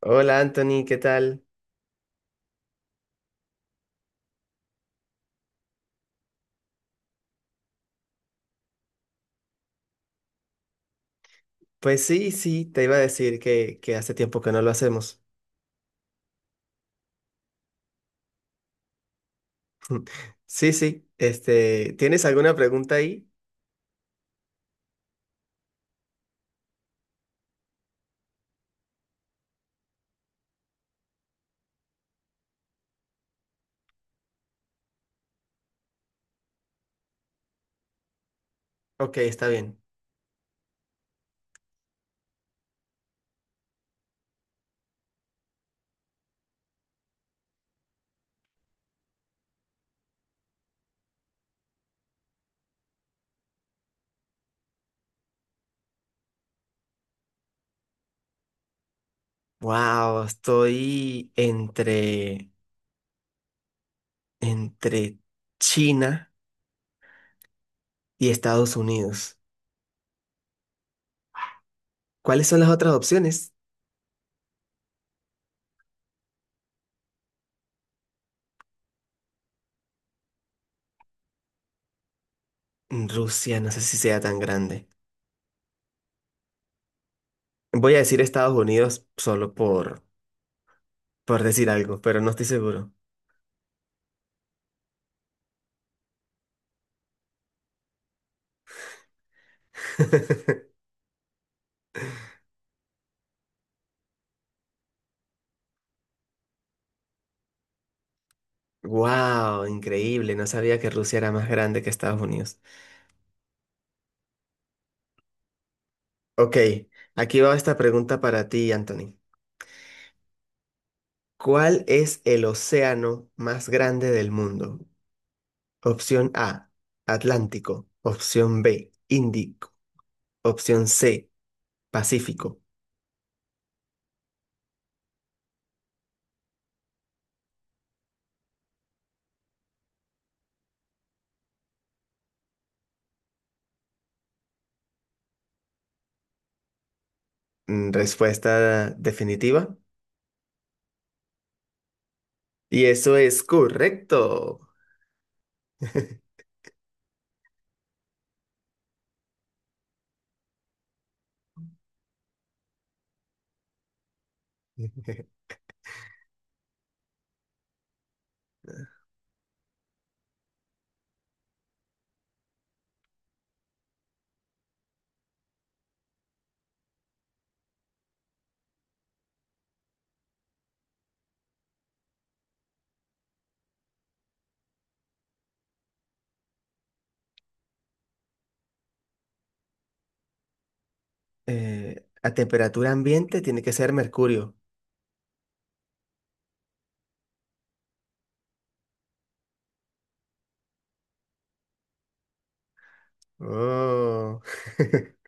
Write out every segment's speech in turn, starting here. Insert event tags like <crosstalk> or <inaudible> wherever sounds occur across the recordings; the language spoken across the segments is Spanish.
Hola Anthony, ¿qué tal? Pues sí, sí, te iba a decir que hace tiempo que no lo hacemos. <laughs> Sí, sí, este, ¿tienes alguna pregunta ahí? Ok, está bien. Wow, estoy entre China y Estados Unidos. ¿Cuáles son las otras opciones? Rusia, no sé si sea tan grande. Voy a decir Estados Unidos solo por decir algo, pero no estoy seguro. <laughs> Wow, increíble, no sabía que Rusia era más grande que Estados Unidos. Ok, aquí va esta pregunta para ti, Anthony. ¿Cuál es el océano más grande del mundo? Opción A, Atlántico. Opción B, Índico. Opción C, Pacífico. Respuesta definitiva. Y eso es correcto. <laughs> A temperatura ambiente tiene que ser mercurio. Oh. <laughs>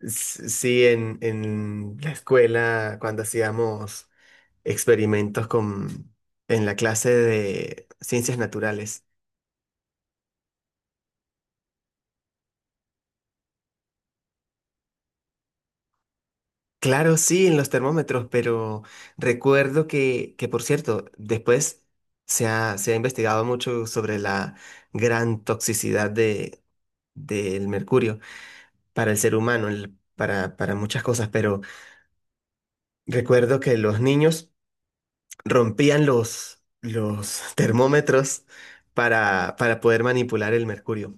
Sí, en la escuela, cuando hacíamos experimentos en la clase de ciencias naturales. Claro, sí, en los termómetros, pero recuerdo que, por cierto, después se ha investigado mucho sobre la gran toxicidad del mercurio para el ser humano, para muchas cosas, pero recuerdo que los niños rompían los <laughs> termómetros para poder manipular el mercurio.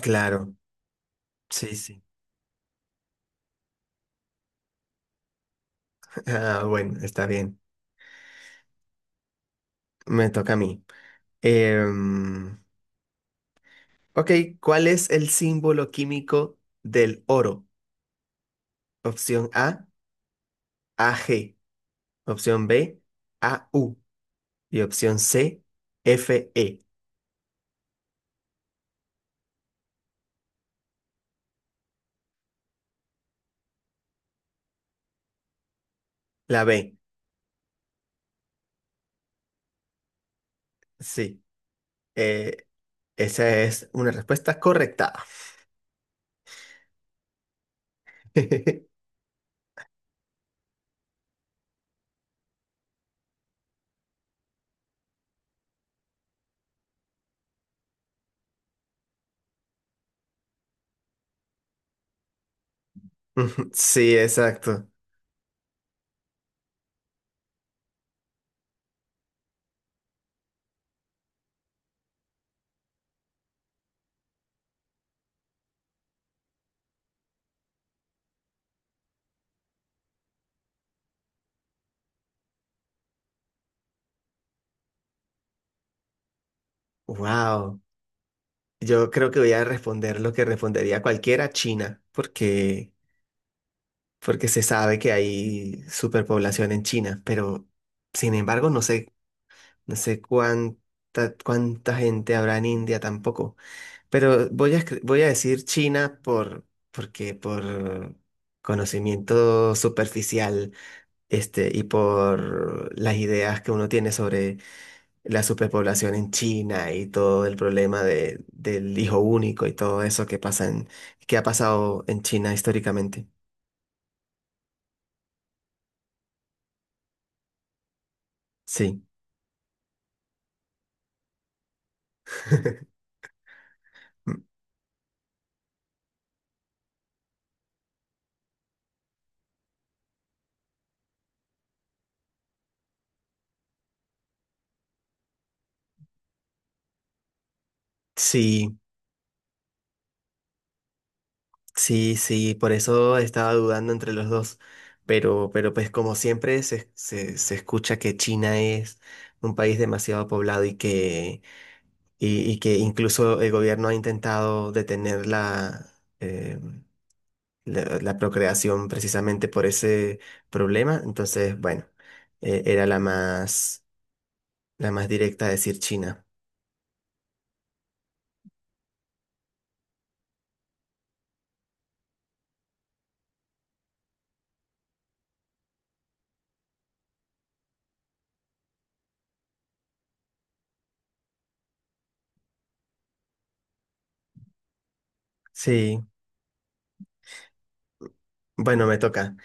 Claro, sí, sí. Ah, bueno, está bien. Me toca a mí. Em, ok, ¿cuál es el símbolo químico del oro? Opción A, AG. Opción B, AU. Y opción C, FE. La B, sí. Eh, esa es una respuesta correcta. <laughs> Ujú, sí, exacto. Wow. Yo creo que voy a responder lo que respondería cualquiera, China, porque porque se sabe que hay superpoblación en China, pero sin embargo no sé cuánta gente habrá en India tampoco. Pero voy a decir China porque por conocimiento superficial, este, y por las ideas que uno tiene sobre la superpoblación en China y todo el problema del hijo único y todo eso que ha pasado en China históricamente. Sí. <laughs> Sí, sí, sí, por eso estaba dudando entre los dos. Pero pues como siempre se escucha que China es un país demasiado poblado y que incluso el gobierno ha intentado detener eh, la procreación precisamente por ese problema. Entonces, bueno, era la más directa decir China. Sí, bueno, me toca.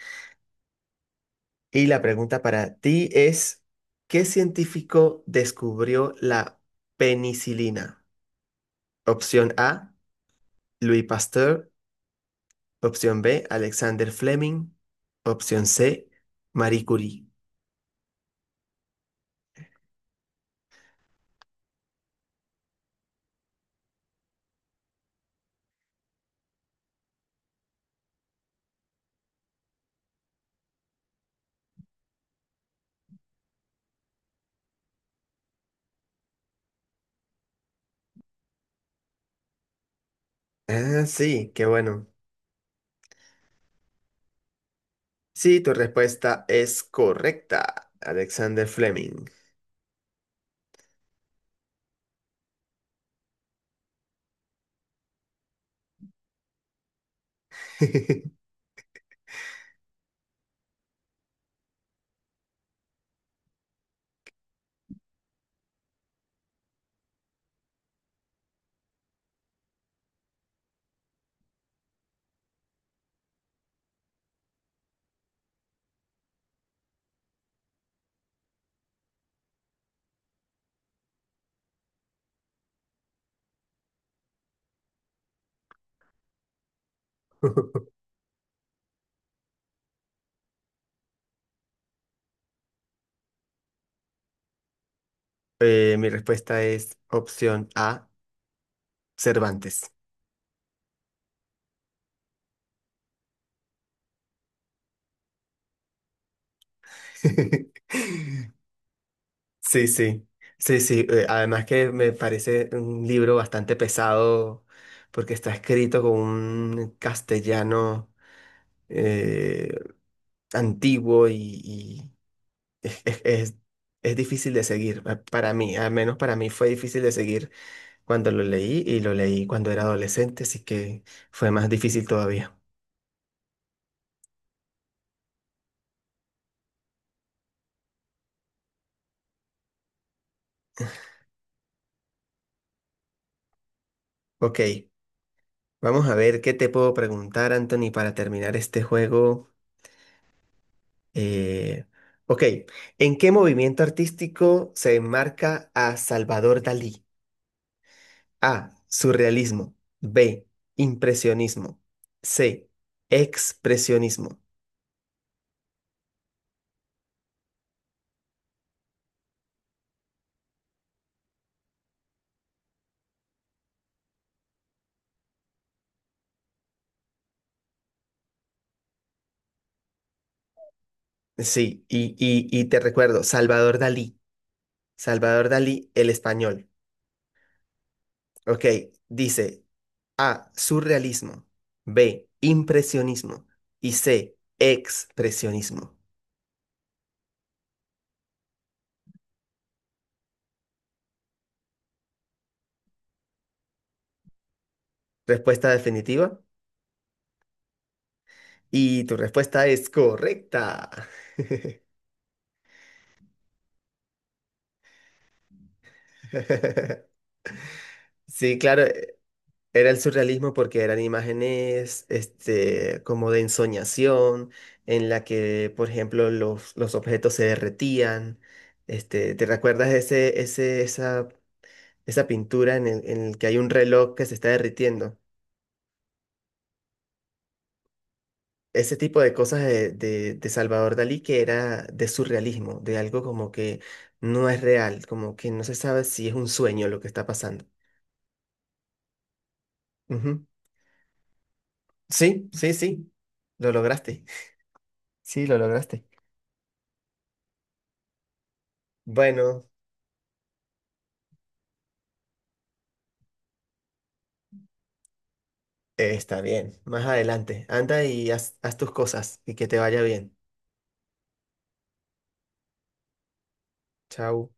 Y la pregunta para ti es, ¿qué científico descubrió la penicilina? Opción A, Louis Pasteur. Opción B, Alexander Fleming. Opción C, Marie Curie. Ah, sí, qué bueno. Sí, tu respuesta es correcta, Alexander Fleming. <laughs> Mi respuesta es opción A, Cervantes. <laughs> Sí, sí, sí, sí. Además que me parece un libro bastante pesado porque está escrito con un castellano eh, antiguo y es, es- es- es difícil de seguir. Para mí, al menos para mí fue difícil de seguir cuando lo leí y lo leí cuando era adolescente, así que fue más difícil todavía. Ok, vamos a ver qué te puedo preguntar, Anthony, para terminar este juego. Eh, ok, ¿en qué movimiento artístico se enmarca a Salvador Dalí? A. Surrealismo. B. Impresionismo. C. Expresionismo. Sí, y te recuerdo, Salvador Dalí. Salvador Dalí, el español. Ok, dice A. Surrealismo. B. Impresionismo. Y C. Expresionismo. Respuesta definitiva. Y tu respuesta es correcta. <laughs> <laughs> Sí, claro, era el surrealismo porque eran imágenes, este, como de ensoñación, en la que, por ejemplo, los objetos se derretían. Este, ¿te recuerdas esa pintura en el que hay un reloj que se está derritiendo? Ese tipo de cosas de Salvador Dalí que era de surrealismo, de algo como que no es real, como que no se sabe si es un sueño lo que está pasando. Ujú. Sí, sí, sí, lo lograste. Sí, lo lograste. Bueno, está bien. Más adelante. Anda y haz tus cosas y que te vaya bien. Chao.